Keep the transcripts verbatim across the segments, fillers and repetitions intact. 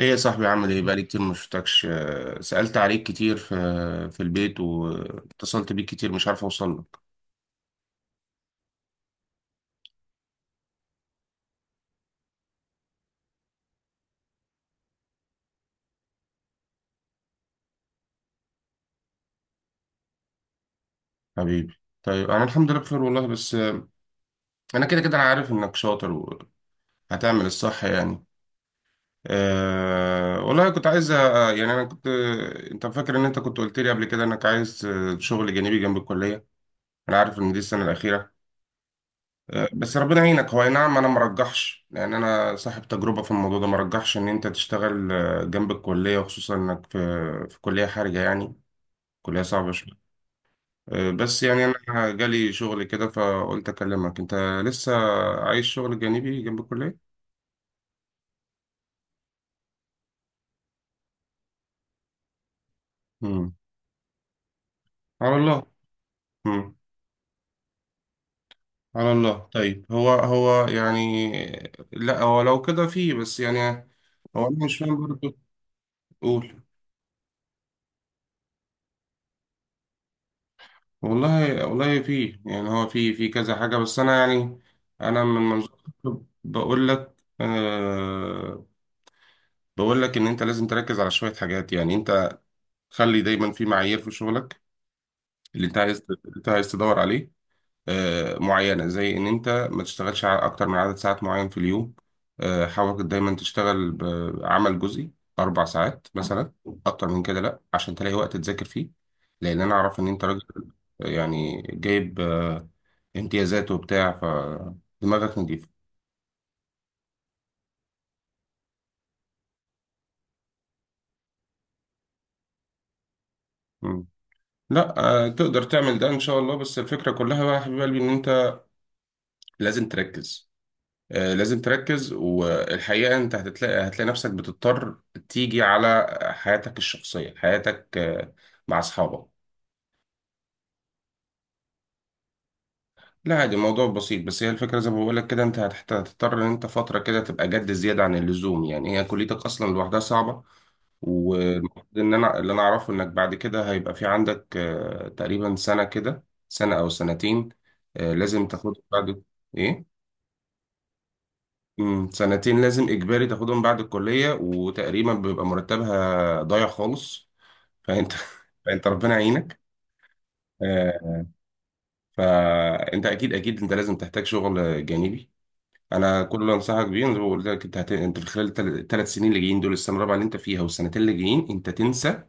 ايه يا صاحبي، عامل ايه؟ بقالي كتير ما شفتكش. آه، سألت عليك كتير في في البيت، واتصلت بيك كتير، مش عارف اوصل لك. حبيبي، طيب انا الحمد لله بخير والله. بس آه، انا كده كده انا عارف انك شاطر وهتعمل الصح يعني. أه والله كنت عايز أ- يعني انا كنت انت فاكر ان انت كنت قلت لي قبل كده انك عايز آه، شغل جانبي جنب الكلية. انا عارف ان دي السنة الأخيرة، بس ربنا يعينك. هو أي نعم، انا مرجحش، لان انا صاحب تجربه في الموضوع ده، مرجحش ان انت تشتغل آه، جنب الكليه، وخصوصا انك في في كليه حرجه يعني، كليه صعبه شويه. آه، بس يعني انا جالي شغل كده، فقلت اكلمك. انت لسه عايش شغل جانبي جنب الكليه؟ امم. على الله. امم. على الله. طيب هو هو يعني، لا هو لو كده فيه، بس يعني. هو انا مش فاهم برضه، قول. والله والله في يعني، هو في في كذا حاجة، بس أنا يعني. أنا من منظور الطب بقول لك، أه بقول لك إن أنت لازم تركز على شوية حاجات. يعني أنت خلي دايما في معايير في شغلك، اللي أنت عايز اللي أنت عايز تدور عليه آه، معينة. زي إن أنت ما تشتغلش ع- أكتر من عدد ساعات معين في اليوم. آه، حاول دايما تشتغل بعمل جزئي، أربع ساعات مثلا. أكتر من كده لأ، عشان تلاقي وقت تذاكر فيه. لأن أنا أعرف إن أنت راجل آه، يعني جايب آه، امتيازات وبتاع، فدماغك نضيفة. مم. لأ، آه، تقدر تعمل ده إن شاء الله. بس الفكرة كلها بقى يا حبيب قلبي، إن أنت لازم تركز، آه، لازم تركز. والحقيقة انت هتلاقي هتلاقي نفسك بتضطر تيجي على حياتك الشخصية، حياتك آه، مع اصحابك. لا عادي، الموضوع بسيط. بس هي الفكرة زي ما بقولك كده، انت هتحت- هتضطر ان انت فترة كده تبقى جد زيادة عن اللزوم. يعني هي كليتك اصلا لوحدها صعبة. مم. والمفروض ان انا اللي انا اعرفه، انك بعد كده هيبقى في عندك آه، تقريبا سنة كده، سنة او سنتين. آه، لازم تاخد بعد. ايه؟ امم سنتين، لازم اجباري تاخدهم بعد الكليه، وتقريبا بيبقى مرتبها ضايع خالص. فانت فانت ربنا يعينك. آه، فانت اكيد اكيد انت لازم تحتاج شغل جانبي. انا كل اللي انصحك بيه، أنا زي ما قلت لك، انت هت... انت في خلال الثلاث سنين اللي جايين دول، السنه الرابعه اللي انت فيها والسنتين اللي جايين، انت تنسى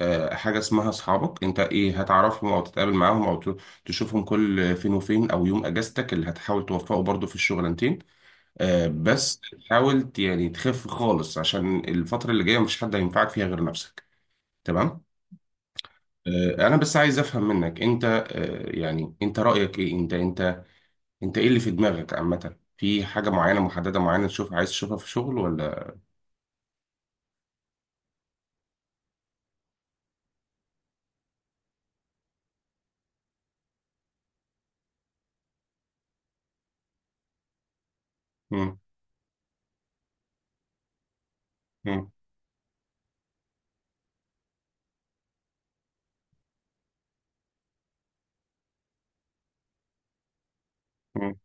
آه، حاجه اسمها اصحابك. انت ايه هتعرفهم، او تتقابل معاهم، او ت- تشوفهم كل فين وفين، او يوم اجازتك اللي هتحاول توفقه برضه في الشغلانتين. آه، بس حاول ت- يعني تخف خالص، عشان الفترة اللي جاية مفيش حد هينفعك فيها غير نفسك. تمام. آه، انا بس عايز افهم منك، انت آه، يعني انت رأيك ايه؟ انت انت انت ايه اللي في دماغك عامة؟ في حاجة معينة محددة معينة تشوف، عايز تشوفها في شغل، ولا؟ مم، مم، مم.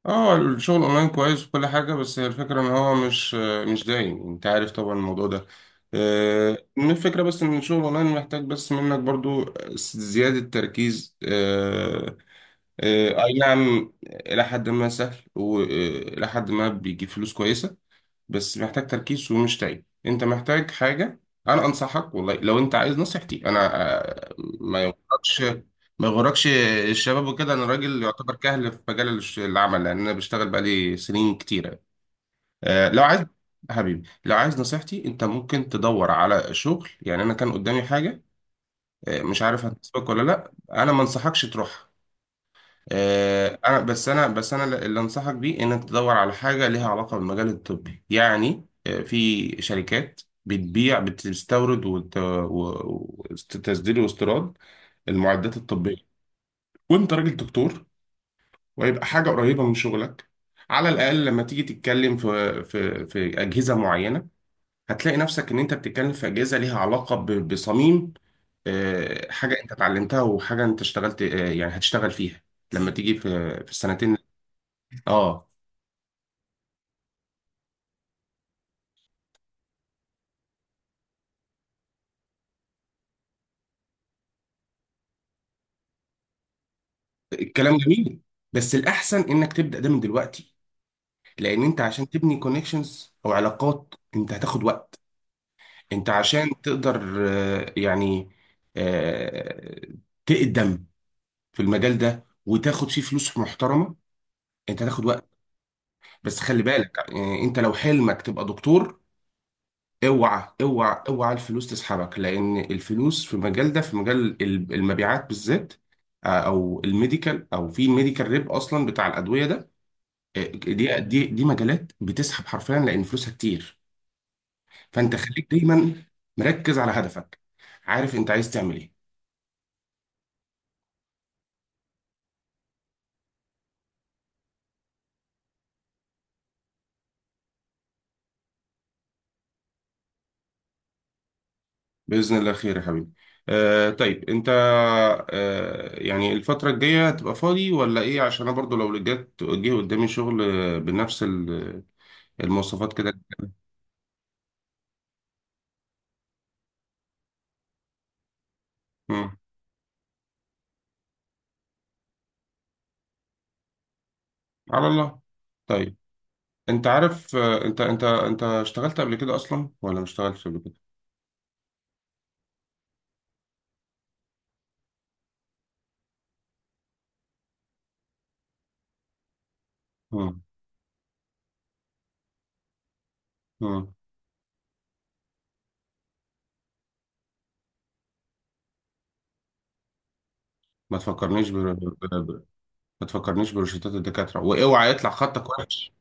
اه الشغل اونلاين كويس وكل حاجة، بس هي الفكرة ان هو مش آه، مش دايم، انت عارف طبعا الموضوع ده. آه، من الفكرة بس ان الشغل اونلاين محتاج بس منك برضو آه، زيادة تركيز. آه، آه، اي نعم، الى حد ما سهل، والى حد ما بيجيب فلوس كويسه. بس محتاج تركيز ومش تعب، انت محتاج حاجه. انا انصحك والله، لو انت عايز نصيحتي، انا آه، ما يغركش، ما يغركش الشباب وكده. انا راجل يعتبر كهل في مجال الش- العمل، لان انا بشتغل بقالي سنين كتيره. آه، لو عايز حبيبي لو عايز نصيحتي، انت ممكن تدور على شغل. يعني انا كان قدامي حاجه، آه، مش عارف هتسبق ولا لا، انا ما انصحكش تروح. آه، أنا بس أنا بس أنا اللي أنصحك بيه، إنك تدور على حاجة ليها علاقة بالمجال الطبي. يعني آه، في شركات بتبيع بتستورد، وتصدير واستيراد المعدات الطبية. وأنت راجل دكتور، ويبقى حاجة قريبة من شغلك. على الأقل لما تيجي تتكلم في في في أجهزة معينة، هتلاقي نفسك إن أنت بتتكلم في أجهزة ليها علاقة ب- بصميم آه، حاجة أنت اتعلمتها، وحاجة أنت اشتغلت آه، يعني هتشتغل فيها لما تيجي في في السنتين. اه الكلام جميل، بس الاحسن انك تبدا ده من دلوقتي، لان انت عشان تبني كونكشنز او علاقات انت هتاخد وقت. انت عشان تقدر آه، يعني آه، تقدم في المجال ده وتاخد فيه فلوس محترمه، انت هتاخد وقت. بس خلي بالك آه، انت لو حلمك تبقى دكتور، اوعى اوعى اوعى الفلوس تسحبك. لان الفلوس في المجال ده، في مجال ال- المبيعات بالذات، آه، او الميديكال، او في ميديكال ريب اصلا بتاع الادويه ده، دي دي دي مجالات بتسحب حرفيا، لان فلوسها كتير. فانت مم. خليك دايما مركز على هدفك، عارف انت عايز تعمل ايه. باذن الله خير يا حبيبي. آه طيب انت آه يعني الفتره الجايه هتبقى فاضي ولا ايه؟ عشان انا برضو لو جت جه قدامي شغل آه، بنفس ال- المواصفات كده. مم. على الله. طيب انت عارف آه، انت انت انت اشتغلت قبل كده اصلا، ولا ما اشتغلتش قبل كده؟ مم. مم. ما تفكرنيش ب... ب... ما تفكرنيش بروشتات الدكاترة، واوعى يطلع خطك وحش.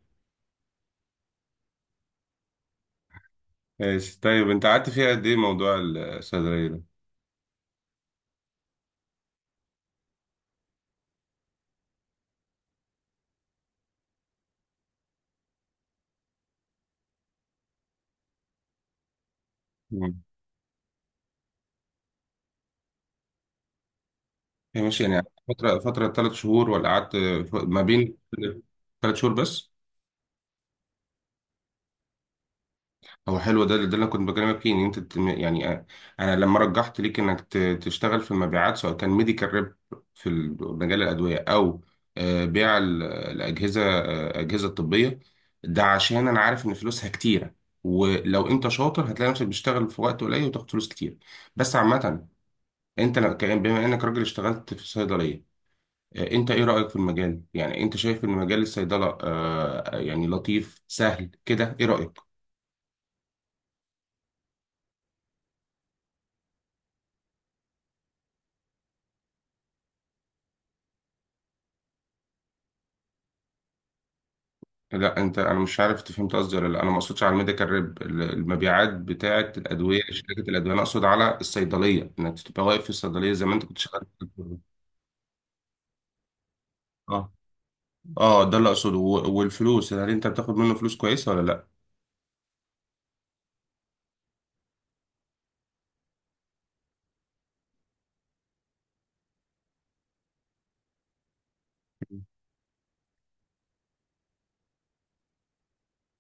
ماشي، طيب انت قعدت فيها قد ايه موضوع الصيدلية ده؟ مم. هي ماشي يعني، فترة فترة ثلاث شهور، ولا قعدت؟ ف- ما بين ثلاث شهور بس؟ هو حلو ده ده اللي كنت بكلمك فيه، ان انت تم- يعني أ- انا لما رجحت ليك انك ت- تشتغل في المبيعات، سواء كان ميديكال ريب في ال- مجال الادويه، او آه، بيع ال- الاجهزه، آه، اجهزه طبيه. ده عشان انا عارف ان فلوسها كتيره، ولو انت شاطر هتلاقي نفسك بتشتغل في وقت قليل وتاخد فلوس كتير. بس عامه، انت لو كان- بما انك راجل اشتغلت في الصيدليه، آه، انت ايه رايك في المجال؟ يعني انت شايف ان مجال الصيدله آه، يعني لطيف سهل كده، ايه رايك؟ لا انت انا مش عارف انت فهمت قصدي ولا لا. انا ما اقصدش على الميديكال ريب، ال- المبيعات بتاعه الادويه، شركه الادويه، انا اقصد على الصيدليه، انك تبقى واقف في الصيدليه زي ما انت كنت شغال في الدكتور. اه اه، ده اللي اقصده. و- والفلوس هل انت بتاخد منه فلوس كويسه ولا لا؟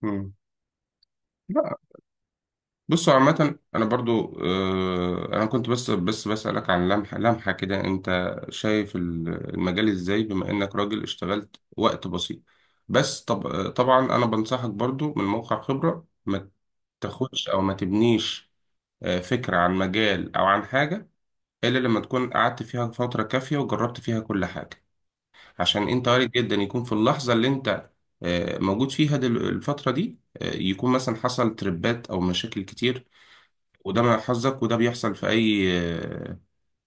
مم. لا. بصوا، عامة أنا برضو آه أنا كنت بس بس بسألك عن لمحة لمحة كده. أنت شايف ال- المجال إزاي، بما إنك راجل اشتغلت وقت بسيط. بس طب آه، طبعا أنا بنصحك برضو من موقع خبرة، ما تاخدش او ما تبنيش آه، فكرة عن مجال او عن حاجة، الا لما تكون قعدت فيها فترة كافية وجربت فيها كل حاجة. عشان انت وارد جدا يكون في اللحظة اللي انت آه، موجود فيها، دل- الفترة دي، آه، يكون مثلا حصل تربات او مشاكل كتير، وده من حظك، وده بيحصل في اي آه،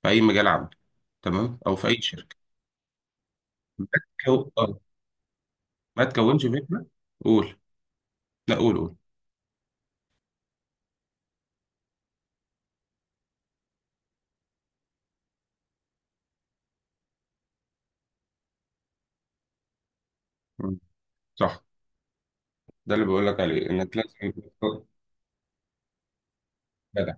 في اي مجال عمل، تمام، او في اي شركة. ما تكو- آه، ما تكونش فكرة. قول. لا قول قول. مم. صح، ده اللي بقول لك عليه، انك لازم يبقى جدع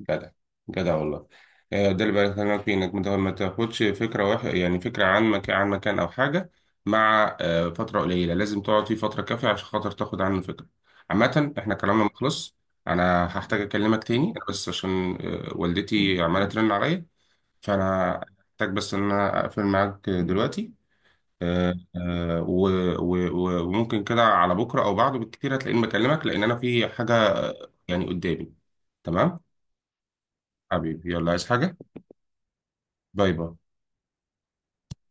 جدع جدع والله. آه، ده اللي بكلمك فيه، انك مت- ما تاخدش فكره واحد، يعني فكره عن مكان عن مكان او حاجه، مع آه، فتره قليله، لازم تقعد فيه فتره كافيه عشان خاطر تاخد عنه فكره. عامه احنا كلامنا ما خلص، انا هحتاج اكلمك تاني. انا بس عشان آه، والدتي عماله ترن عليا، فانا هحتاج بس ان انا اقفل معاك دلوقتي. آه، آه، و- و- و- وممكن كده على بكره او بعده بالكتير هتلاقيني بكلمك، لان انا في حاجه يعني قدامي. تمام. حبيبي يلا، عايز حاجه؟ باي باي.